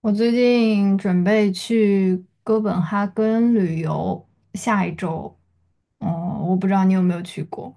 我最近准备去哥本哈根旅游，下一周。嗯，我不知道你有没有去过。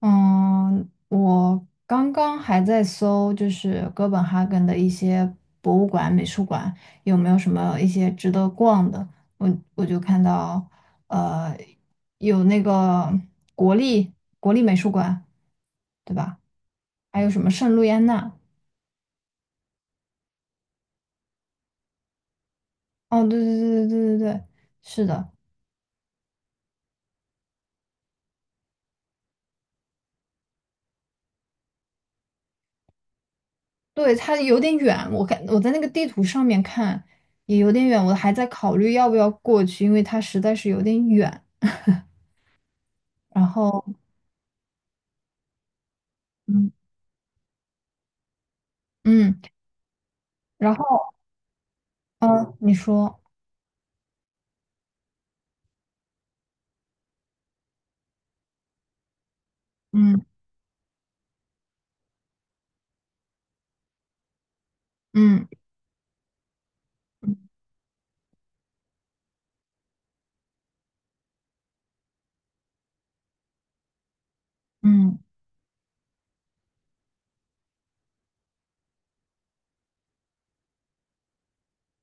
嗯，我刚刚还在搜，就是哥本哈根的一些博物馆、美术馆有没有什么一些值得逛的。我就看到，呃，有那个国立国立美术馆，对吧？还有什么圣路易安娜？哦，对对对对对对对，是的。对，它有点远，我看我在那个地图上面看也有点远，我还在考虑要不要过去，因为它实在是有点远。然后，嗯嗯，然后嗯你说，嗯嗯嗯嗯，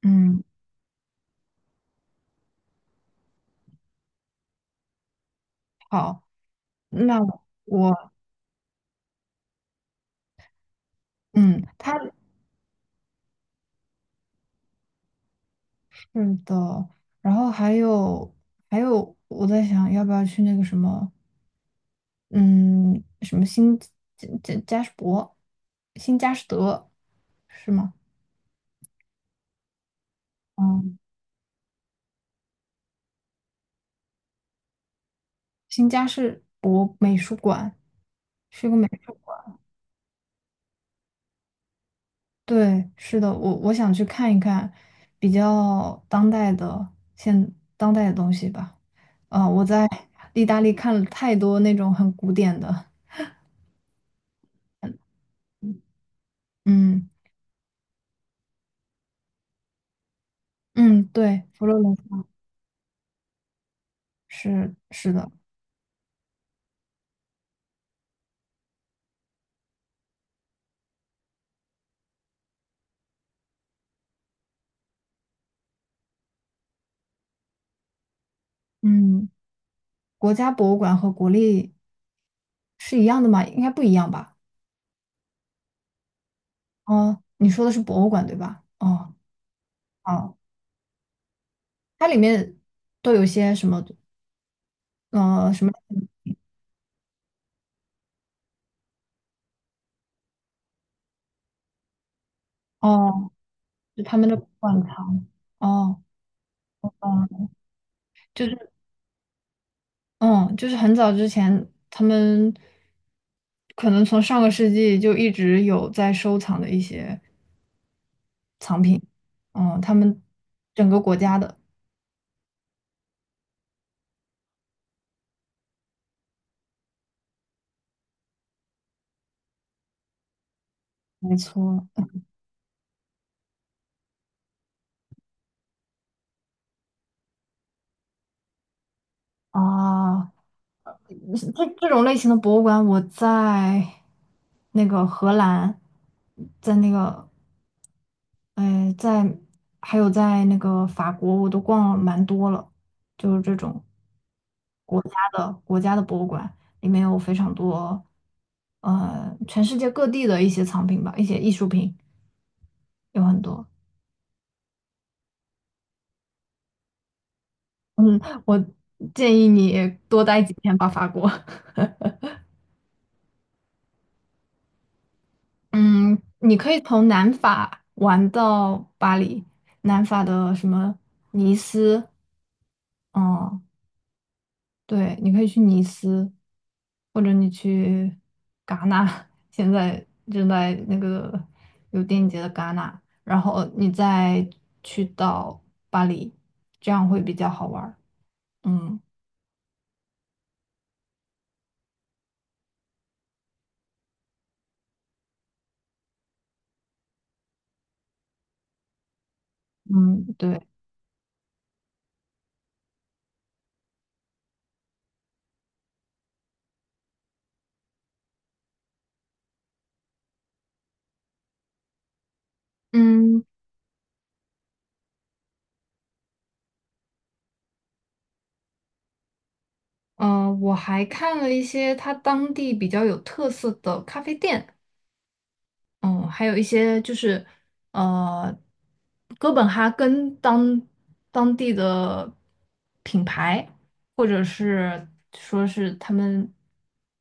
嗯，好，那我嗯，它是的。然后还有，我在想要不要去那个什么，嗯，什么新加什伯，新加什德是吗？嗯。新家是博美术馆，是个美术馆。对，是的，我想去看一看比较当代的现当代的东西吧。啊、我在意大利看了太多那种很古典的，嗯嗯，对，佛罗伦萨是是的。嗯，国家博物馆和国立是一样的吗？应该不一样吧？哦，你说的是博物馆对吧？哦。哦，它里面都有些什么什么？哦。就他们的馆藏。哦，嗯，就是嗯，就是很早之前，他们可能从上个世纪就一直有在收藏的一些藏品。嗯，他们整个国家的，没错。啊，这这种类型的博物馆，我在那个荷兰，在那个呃，在还有在那个法国，我都逛了蛮多了，就是这种。国家的博物馆，里面有非常多，全世界各地的一些藏品吧，一些艺术品有很多。我建议你多待几天吧，法国。嗯，你可以从南法玩到巴黎，南法的什么尼斯，嗯，对，你可以去尼斯，或者你去戛纳，现在正在那个有电影节的戛纳，然后你再去到巴黎，这样会比较好玩儿。嗯嗯，对，嗯我还看了一些它当地比较有特色的咖啡店。嗯，还有一些就是，呃，哥本哈根当地的品牌，或者是说是他们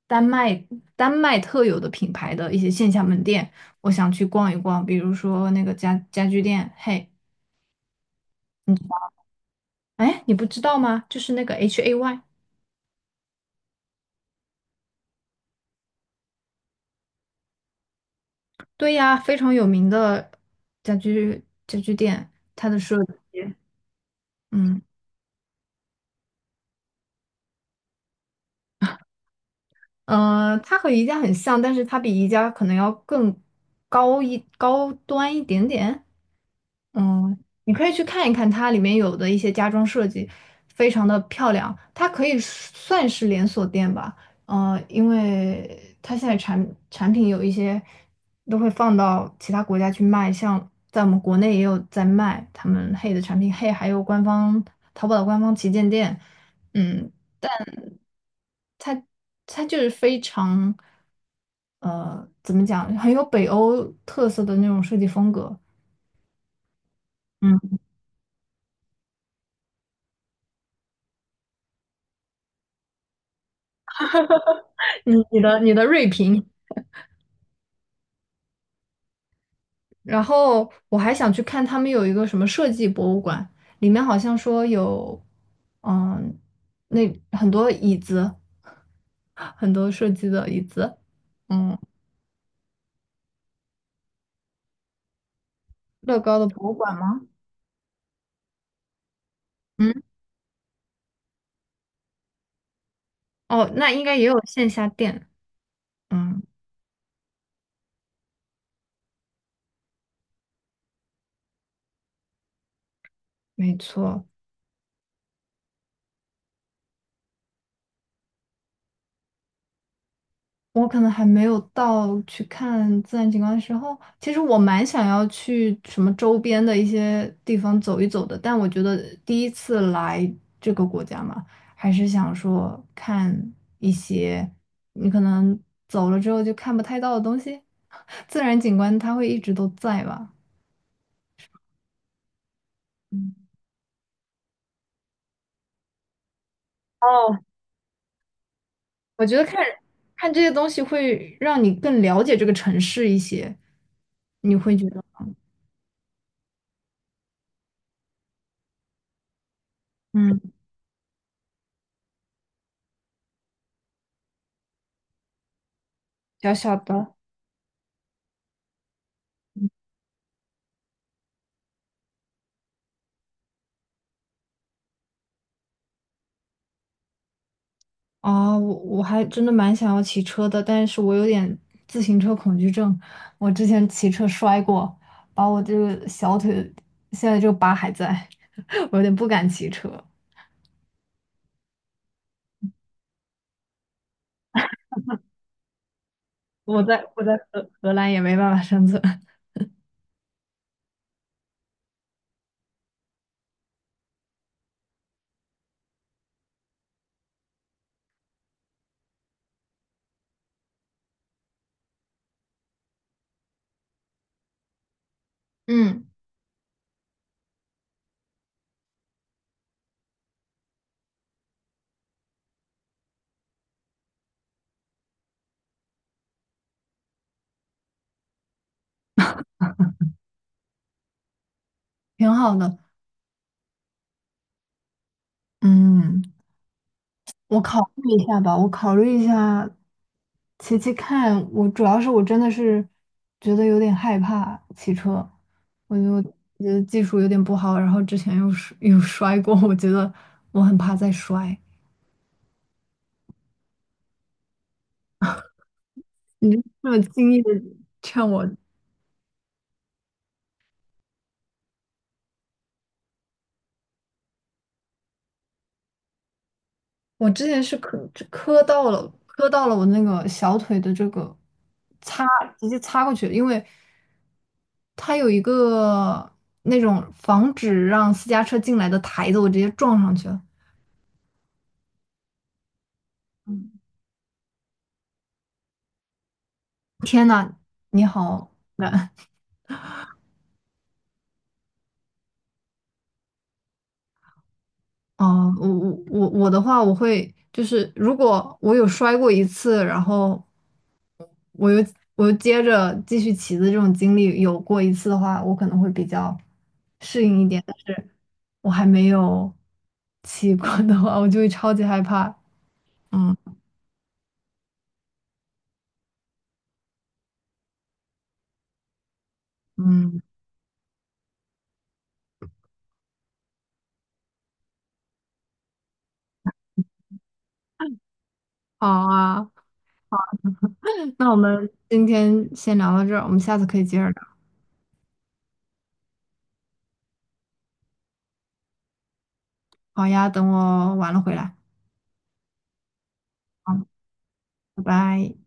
丹麦丹麦特有的品牌的一些线下门店，我想去逛一逛。比如说那个家家居店，嘿，哎，你不知道吗？就是那个 HAY，对呀，非常有名的家居店，它的设计，嗯。它和宜家很像，但是它比宜家可能要更高端一点点。嗯，你可以去看一看它里面有的一些家装设计，非常的漂亮。它可以算是连锁店吧，因为它现在产品有一些都会放到其他国家去卖，像在我们国内也有在卖他们 h 的产品 h 还有官方淘宝的官方旗舰店，嗯，它就是非常，怎么讲，很有北欧特色的那种设计风格。嗯，你的锐评，然后我还想去看他们有一个什么设计博物馆，里面好像说有，嗯，那很多椅子，很多设计的椅子，嗯，乐高的博物馆吗？嗯，哦，那应该也有线下店，嗯，没错。我可能还没有到去看自然景观的时候，其实我蛮想要去什么周边的一些地方走一走的，但我觉得第一次来这个国家嘛，还是想说看一些你可能走了之后就看不太到的东西，自然景观它会一直都在吧。嗯哦，我觉得看看这些东西会让你更了解这个城市一些，你会觉得嗯，小小的。啊，我还真的蛮想要骑车的，但是我有点自行车恐惧症。我之前骑车摔过，把我这个小腿现在这个疤还在，我有点不敢骑车。我在荷兰也没办法生存。嗯，挺好的。嗯。我考虑一下吧，我考虑一下，骑骑看。我主要是我真的是觉得有点害怕骑车，我就觉得技术有点不好，然后之前又摔过，我觉得我很怕再摔。你就这么轻易的劝我，我之前是磕到了，磕到了我那个小腿的这个擦，直接擦过去了，因为它有一个那种防止让私家车进来的台子，我直接撞上去了。嗯，天呐，你好难哦！我的话，我会就是如果我有摔过一次，然后我又我又接着继续骑的这种经历有过一次的话，我可能会比较适应一点。但是。我还没有骑过的话，我就会超级害怕。嗯嗯，好啊，那我们今天先聊到这儿，我们下次可以接着聊。好呀，等我完了回来。好，拜拜。